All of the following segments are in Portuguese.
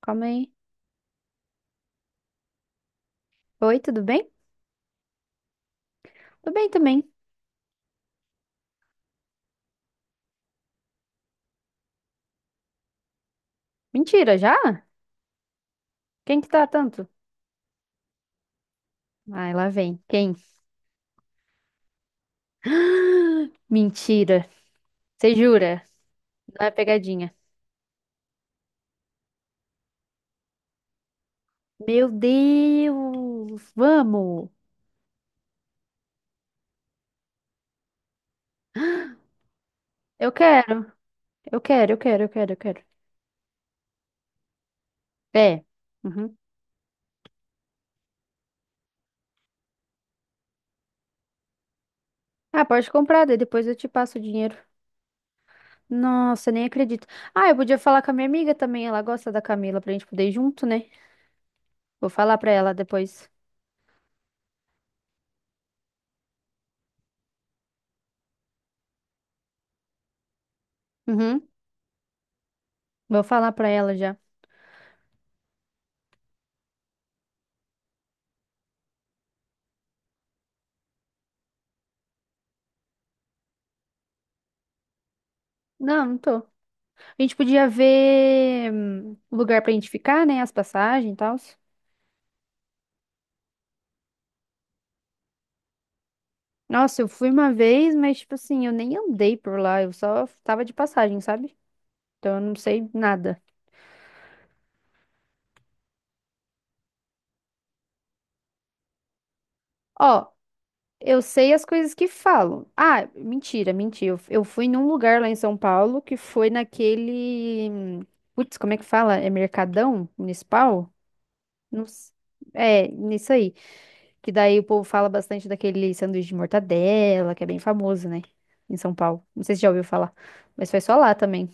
Calma aí. Oi, tudo bem? Tudo bem também. Mentira, já? Quem que tá tanto? Ai, lá vem. Quem? Mentira. Você jura? Não é pegadinha. Meu Deus! Vamos! Eu quero, eu quero, eu quero, eu quero, eu quero É. Uhum. Ah, pode comprar, daí depois eu te passo o dinheiro. Nossa, nem acredito. Ah, eu podia falar com a minha amiga também. Ela gosta da Camila pra gente poder ir junto, né? Vou falar pra ela depois. Uhum. Vou falar pra ela já. Não, não tô. A gente podia ver lugar pra gente ficar, né? As passagens e tal. Nossa, eu fui uma vez, mas, tipo assim, eu nem andei por lá. Eu só tava de passagem, sabe? Então eu não sei nada. Ó, eu sei as coisas que falam. Ah, mentira. Eu fui num lugar lá em São Paulo que foi naquele. Putz, como é que fala? É Mercadão Municipal? Não s- É, nisso aí. Que daí o povo fala bastante daquele sanduíche de mortadela, que é bem famoso, né? Em São Paulo. Não sei se já ouviu falar, mas foi só lá também.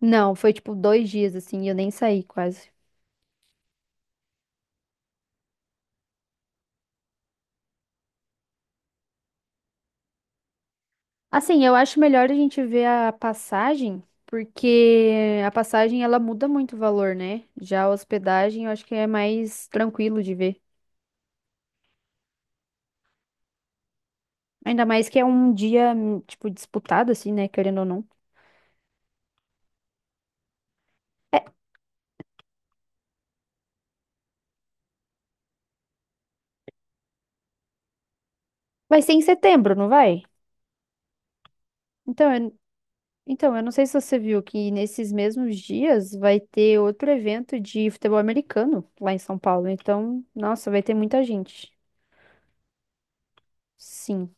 Não, foi tipo 2 dias, assim, e eu nem saí quase. Assim, eu acho melhor a gente ver a passagem, porque a passagem ela muda muito o valor, né? Já a hospedagem eu acho que é mais tranquilo de ver. Ainda mais que é um dia, tipo, disputado, assim, né? Querendo ou não. É, vai ser em setembro, não vai? Então, Então, eu não sei se você viu que nesses mesmos dias vai ter outro evento de futebol americano lá em São Paulo. Então, nossa, vai ter muita gente. Sim.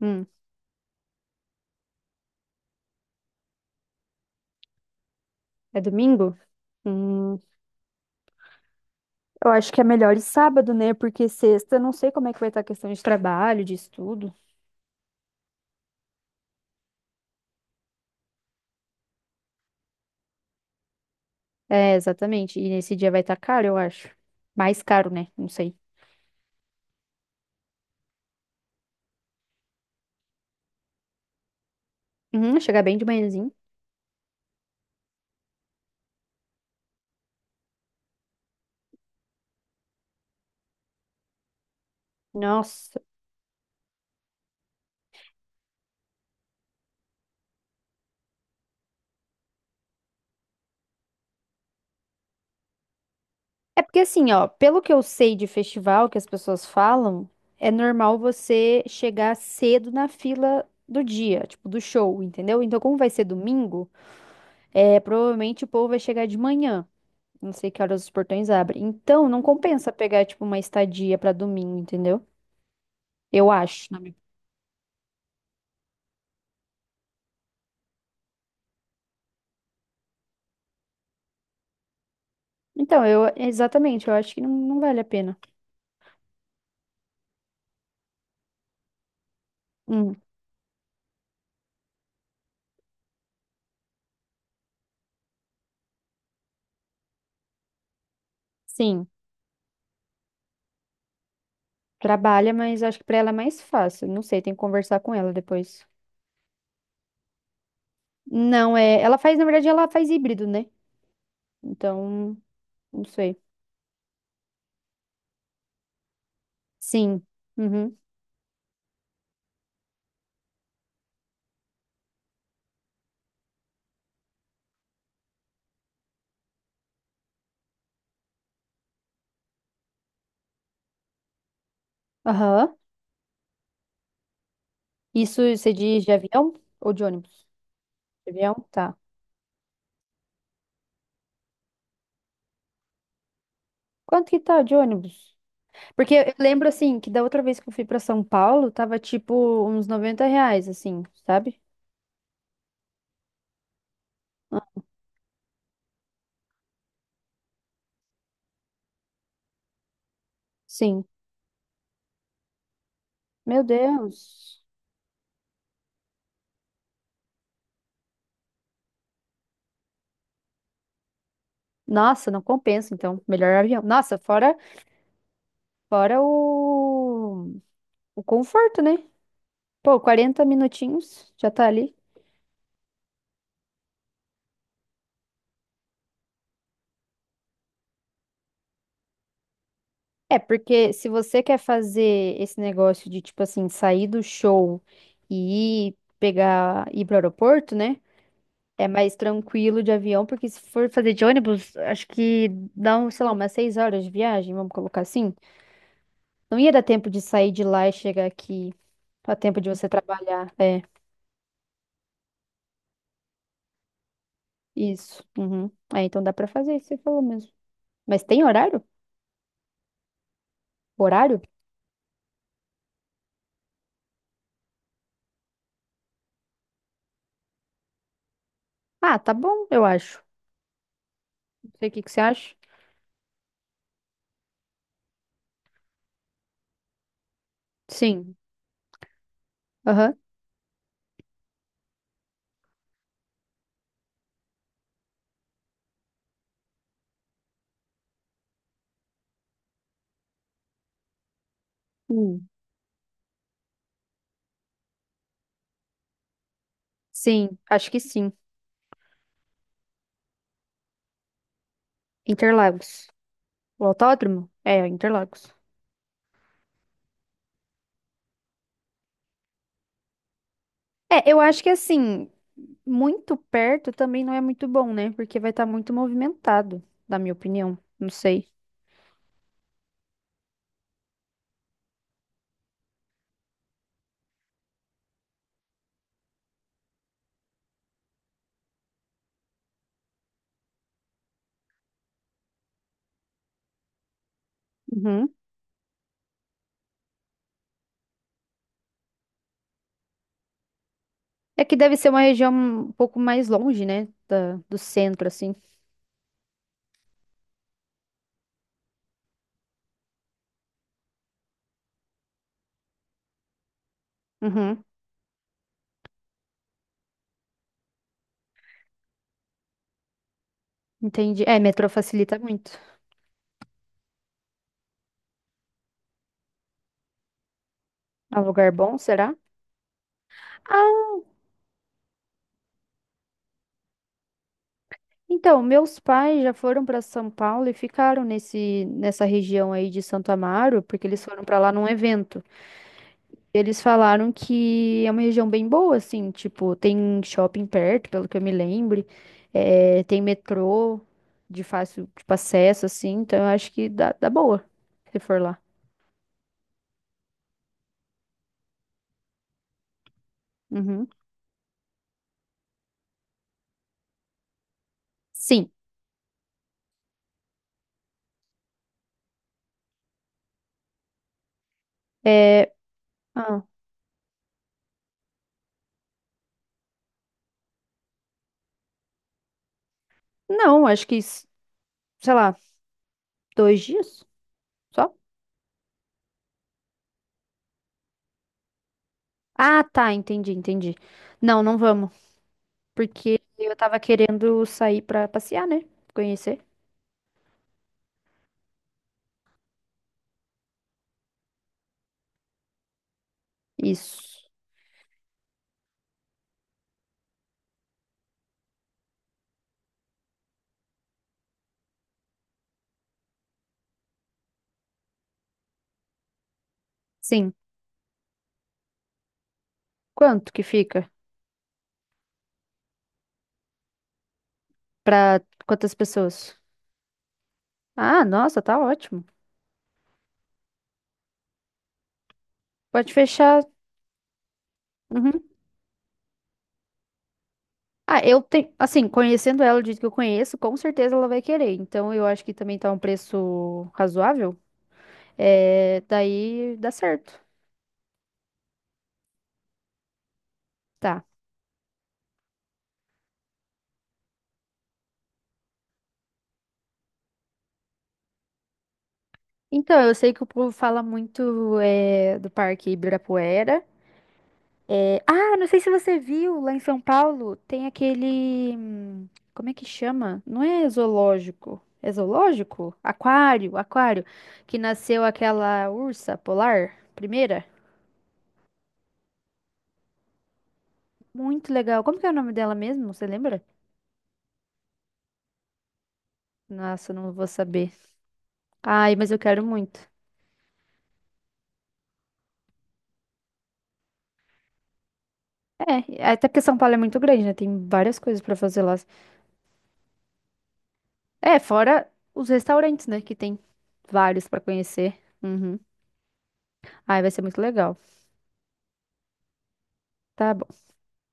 Hum. É domingo? Hum. Eu acho que é melhor ir sábado, né? Porque sexta, eu não sei como é que vai estar a questão de trabalho, de estudo. É, exatamente. E nesse dia vai estar caro, eu acho. Mais caro, né? Não sei. Uhum, chegar bem de manhãzinho. Nossa. É porque assim, ó, pelo que eu sei de festival que as pessoas falam, é normal você chegar cedo na fila do dia, tipo, do show, entendeu? Então, como vai ser domingo, é, provavelmente o povo vai chegar de manhã. Não sei que horas os portões abrem. Então, não compensa pegar, tipo, uma estadia pra domingo, entendeu? Eu acho. Então, exatamente, eu acho que não vale a pena. Hum, sim, trabalha, mas acho que pra ela é mais fácil. Não sei, tem que conversar com ela depois. Não, é, ela faz, na verdade, ela faz híbrido, né? Então, não sei. Sim. Uhum. Aham. Isso você diz de avião ou de ônibus? De avião? Tá. Quanto que tá de ônibus? Porque eu lembro, assim, que da outra vez que eu fui pra São Paulo, tava tipo uns 90 reais, assim, sabe? Sim. Meu Deus. Nossa, não compensa, então. Melhor avião. Nossa, fora, fora o conforto, né? Pô, 40 minutinhos, já tá ali. É, porque se você quer fazer esse negócio de, tipo assim, sair do show e ir pegar, ir pro aeroporto, né? É mais tranquilo de avião, porque se for fazer de ônibus, acho que dá, um, sei lá, umas 6 horas de viagem, vamos colocar assim. Não ia dar tempo de sair de lá e chegar aqui. Dá tempo de você trabalhar. É, isso. Uhum. É, então dá pra fazer, você falou mesmo. Mas tem horário? Horário? Ah, tá bom, eu acho. Não sei o que que você acha. Sim. Aham. Hum. Sim, acho que sim. Interlagos. O autódromo? É, Interlagos. É, eu acho que assim, muito perto também não é muito bom, né? Porque vai estar muito movimentado, na minha opinião. Não sei. Uhum. É que deve ser uma região um pouco mais longe, né? Da, do centro, assim. Uhum. Entendi. É, metrô facilita muito. É um lugar bom, será? Ah, então, meus pais já foram para São Paulo e ficaram nessa região aí de Santo Amaro, porque eles foram para lá num evento. Eles falaram que é uma região bem boa, assim, tipo, tem shopping perto, pelo que eu me lembre, tem metrô de fácil, tipo, acesso, assim, então eu acho que dá boa, se for lá. Uhum. Sim, é... ah, não, acho que, sei lá, 2 dias só? Ah, tá, entendi. Não vamos, porque eu tava querendo sair pra passear, né, conhecer. Isso, sim. Quanto que fica? Pra quantas pessoas? Ah, nossa, tá ótimo. Pode fechar. Uhum. Ah, eu tenho, assim, conhecendo ela do jeito que eu conheço, com certeza ela vai querer. Então eu acho que também tá um preço razoável. É, daí dá certo. Tá. Então, eu sei que o povo fala muito é, do Parque Ibirapuera. É, Ah, não sei se você viu lá em São Paulo, tem aquele. Como é que chama? Não é zoológico. É zoológico? Aquário. Que nasceu aquela ursa polar, primeira. Muito legal. Como que é o nome dela mesmo? Você lembra? Nossa, eu não vou saber. Ai, mas eu quero muito. É, até porque São Paulo é muito grande, né? Tem várias coisas pra fazer lá. É, fora os restaurantes, né? Que tem vários pra conhecer. Uhum. Ai, vai ser muito legal. Tá bom.